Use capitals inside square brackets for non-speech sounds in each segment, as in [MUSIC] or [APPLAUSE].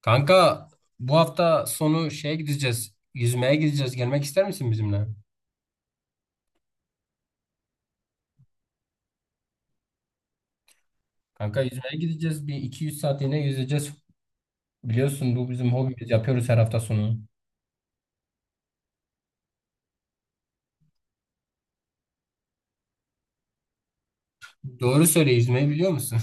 Kanka bu hafta sonu gideceğiz. Yüzmeye gideceğiz. Gelmek ister misin bizimle? Kanka yüzmeye gideceğiz. Bir 200 saatliğine yüzeceğiz. Biliyorsun bu bizim hobimiz. Yapıyoruz her hafta sonu. Doğru söyle yüzmeyi biliyor musun?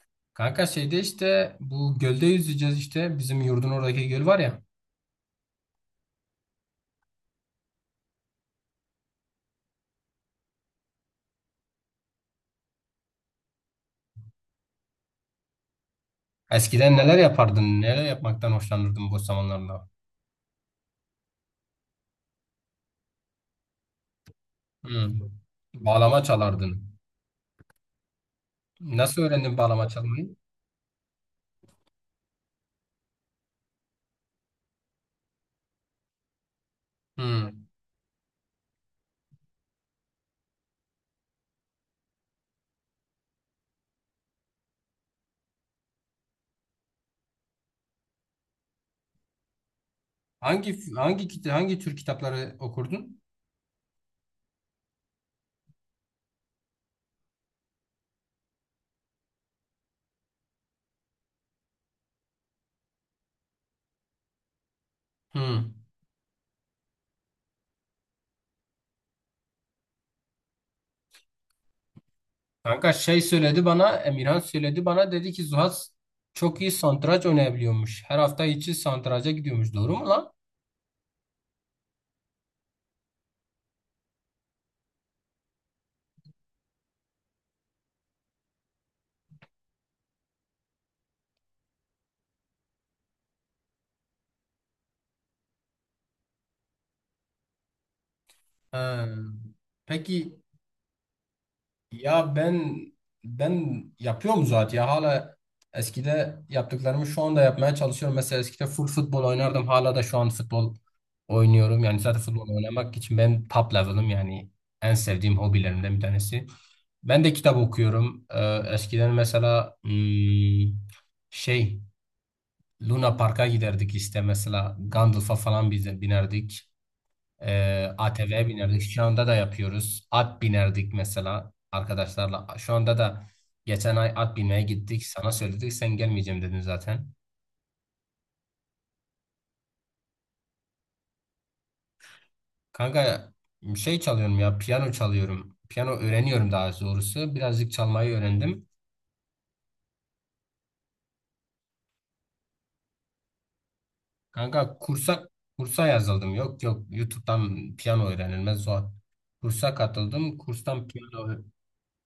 [LAUGHS] Kanka şeyde işte bu gölde yüzeceğiz işte. Bizim yurdun oradaki göl var ya. Eskiden neler yapardın? Neler yapmaktan hoşlanırdın bu zamanlarda? Hmm. Bağlama çalardın. Nasıl öğrendin bağlama çalmayı? Hmm. Hangi tür kitapları okurdun? Hmm. Kanka şey söyledi bana, Emirhan söyledi bana dedi ki Zuhas çok iyi satranç oynayabiliyormuş. Her hafta içi satranca gidiyormuş. Doğru mu lan? Ee, peki ya ben yapıyorum zaten ya hala eskide yaptıklarımı şu anda yapmaya çalışıyorum. Mesela eskide full futbol oynardım. Hala da şu an futbol oynuyorum. Yani zaten futbol oynamak için benim top level'ım yani en sevdiğim hobilerimden bir tanesi. Ben de kitap okuyorum. Eskiden mesela şey Luna Park'a giderdik işte mesela Gandalf'a falan bize binerdik. ATV'ye binerdik. Şu anda da yapıyoruz. At binerdik mesela arkadaşlarla. Şu anda da geçen ay at binmeye gittik. Sana söyledik sen gelmeyeceğim dedin zaten. Kanka çalıyorum ya piyano çalıyorum. Piyano öğreniyorum daha doğrusu. Birazcık çalmayı öğrendim. Kanka kursa yazıldım. Yok yok YouTube'dan piyano öğrenilmez zor. Kursa katıldım. Kurstan piyano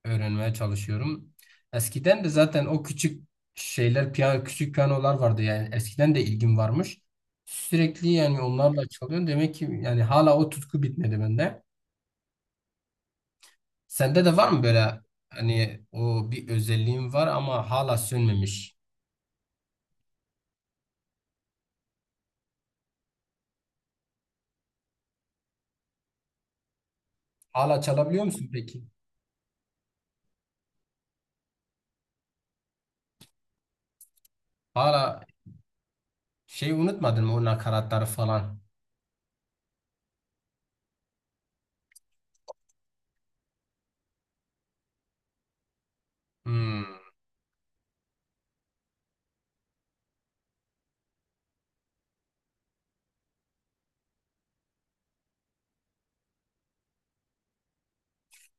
öğrenmeye çalışıyorum. Eskiden de zaten o küçük şeyler, piyano, küçük piyanolar vardı yani eskiden de ilgim varmış. Sürekli yani onlarla çalıyorum. Demek ki yani hala o tutku bitmedi bende. Sende de var mı böyle hani o bir özelliğin var ama hala sönmemiş. Hala çalabiliyor musun peki? Hala unutmadın mı o nakaratları falan? Hmm.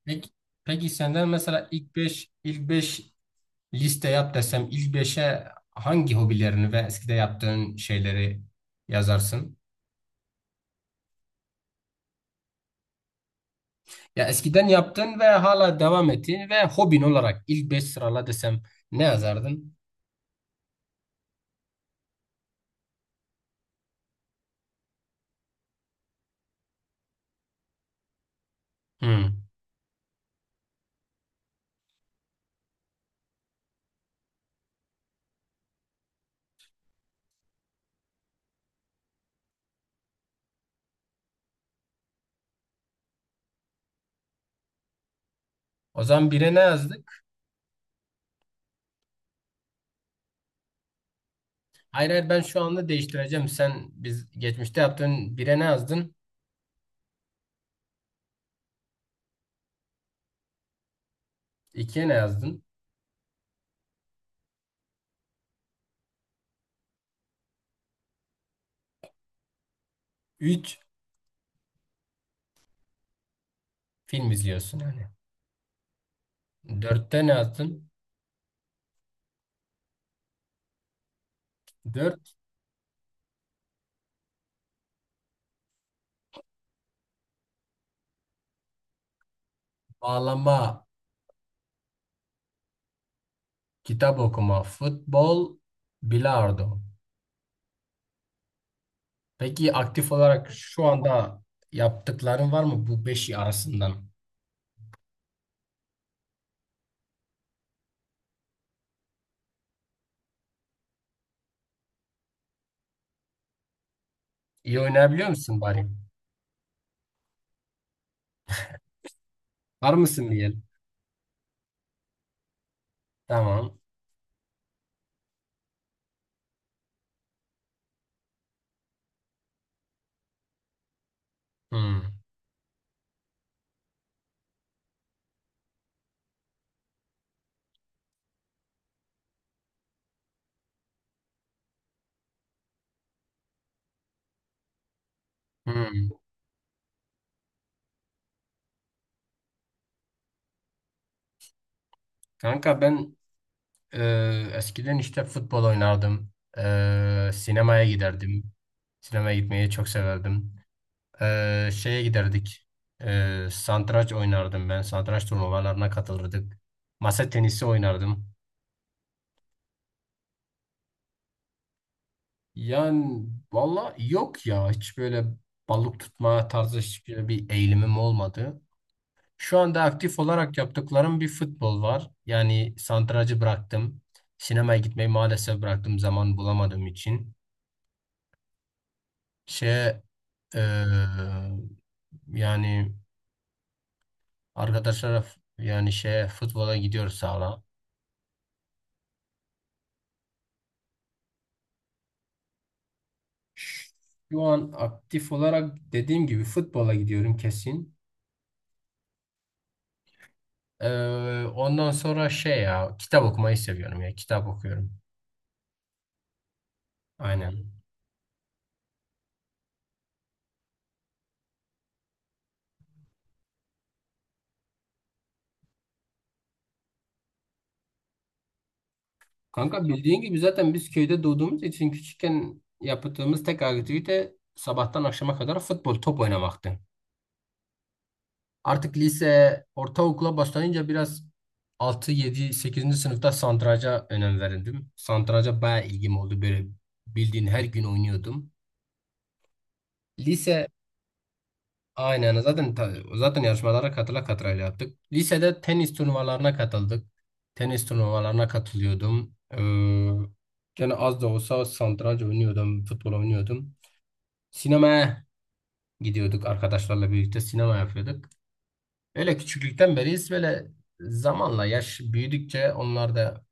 Peki, peki, senden mesela ilk 5 liste yap desem ilk beşe hangi hobilerini ve eskide yaptığın şeyleri yazarsın? Ya eskiden yaptın ve hala devam ettiğin ve hobin olarak ilk 5 sırala desem ne yazardın? Hmm. O zaman bire ne yazdık? Hayır, ben şu anda değiştireceğim. Sen biz geçmişte yaptığın bire ne yazdın? İkiye ne yazdın? Üç film izliyorsun yani. Dörtte ne yazdın? Dört bağlama, kitap okuma, futbol, bilardo. Peki aktif olarak şu anda yaptıkların var mı bu beşi arasından? İyi oynayabiliyor musun bari? Var mısın bir el? Tamam. Hmm. Hmm. Kanka ben eskiden işte futbol oynardım. Sinemaya giderdim. Sinemaya gitmeyi çok severdim. Şeye giderdik. Satranç oynardım ben. Satranç turnuvalarına katılırdık. Masa tenisi oynardım. Yani valla yok ya hiç böyle balık tutma tarzı hiçbir eğilimim olmadı. Şu anda aktif olarak yaptıklarım bir futbol var. Yani santracı bıraktım. Sinemaya gitmeyi maalesef bıraktım zaman bulamadığım için. Şey eee, Yani arkadaşlara f- yani şey futbola gidiyoruz hala. Şu an aktif olarak dediğim gibi futbola gidiyorum kesin. Ondan sonra ya kitap okumayı seviyorum ya kitap okuyorum. Aynen. Kanka bildiğin gibi zaten biz köyde doğduğumuz için küçükken yaptığımız tek aktivite sabahtan akşama kadar futbol top oynamaktı. Artık lise ortaokula başlayınca biraz 6, 7, 8'inci sınıfta satranca önem verirdim. Satranca bayağı ilgim oldu böyle bildiğin her gün oynuyordum. Lise Aynen zaten zaten yarışmalara katıla katıla yaptık. Lisede tenis turnuvalarına katıldık. Tenis turnuvalarına katılıyordum. Gene az da olsa satranç oynuyordum, futbol oynuyordum. Sinemaya gidiyorduk arkadaşlarla birlikte sinema yapıyorduk. Öyle küçüklükten beriyiz böyle zamanla yaş büyüdükçe onlar da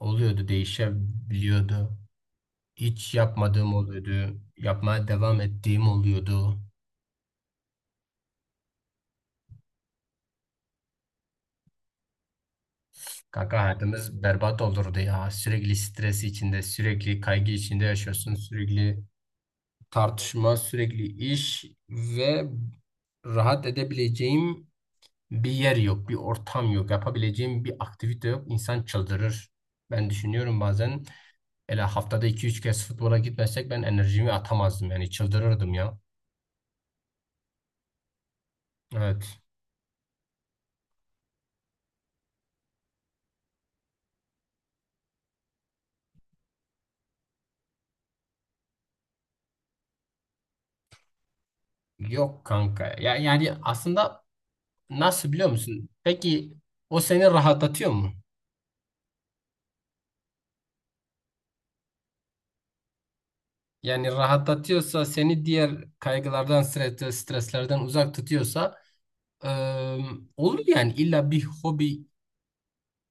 oluyordu, değişebiliyordu. Hiç yapmadığım oluyordu, yapmaya devam ettiğim oluyordu. Kanka hayatımız berbat olurdu ya. Sürekli stres içinde, sürekli kaygı içinde yaşıyorsun. Sürekli tartışma, sürekli iş ve rahat edebileceğim bir yer yok, bir ortam yok. Yapabileceğim bir aktivite yok. İnsan çıldırır. Ben düşünüyorum bazen hele haftada iki üç kez futbola gitmesek ben enerjimi atamazdım. Yani çıldırırdım ya. Evet. Yok kanka. Ya, yani aslında nasıl biliyor musun? Peki o seni rahatlatıyor mu? Yani rahatlatıyorsa seni diğer kaygılardan, streslerden uzak tutuyorsa eee, olur yani illa bir hobi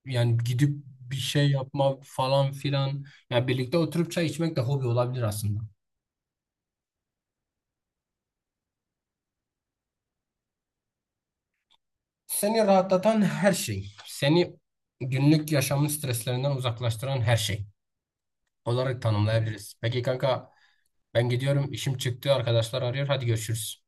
yani gidip bir şey yapma falan filan. Yani birlikte oturup çay içmek de hobi olabilir aslında. Seni rahatlatan her şey, seni günlük yaşamın streslerinden uzaklaştıran her şey olarak tanımlayabiliriz. Peki kanka ben gidiyorum işim çıktı arkadaşlar arıyor hadi görüşürüz.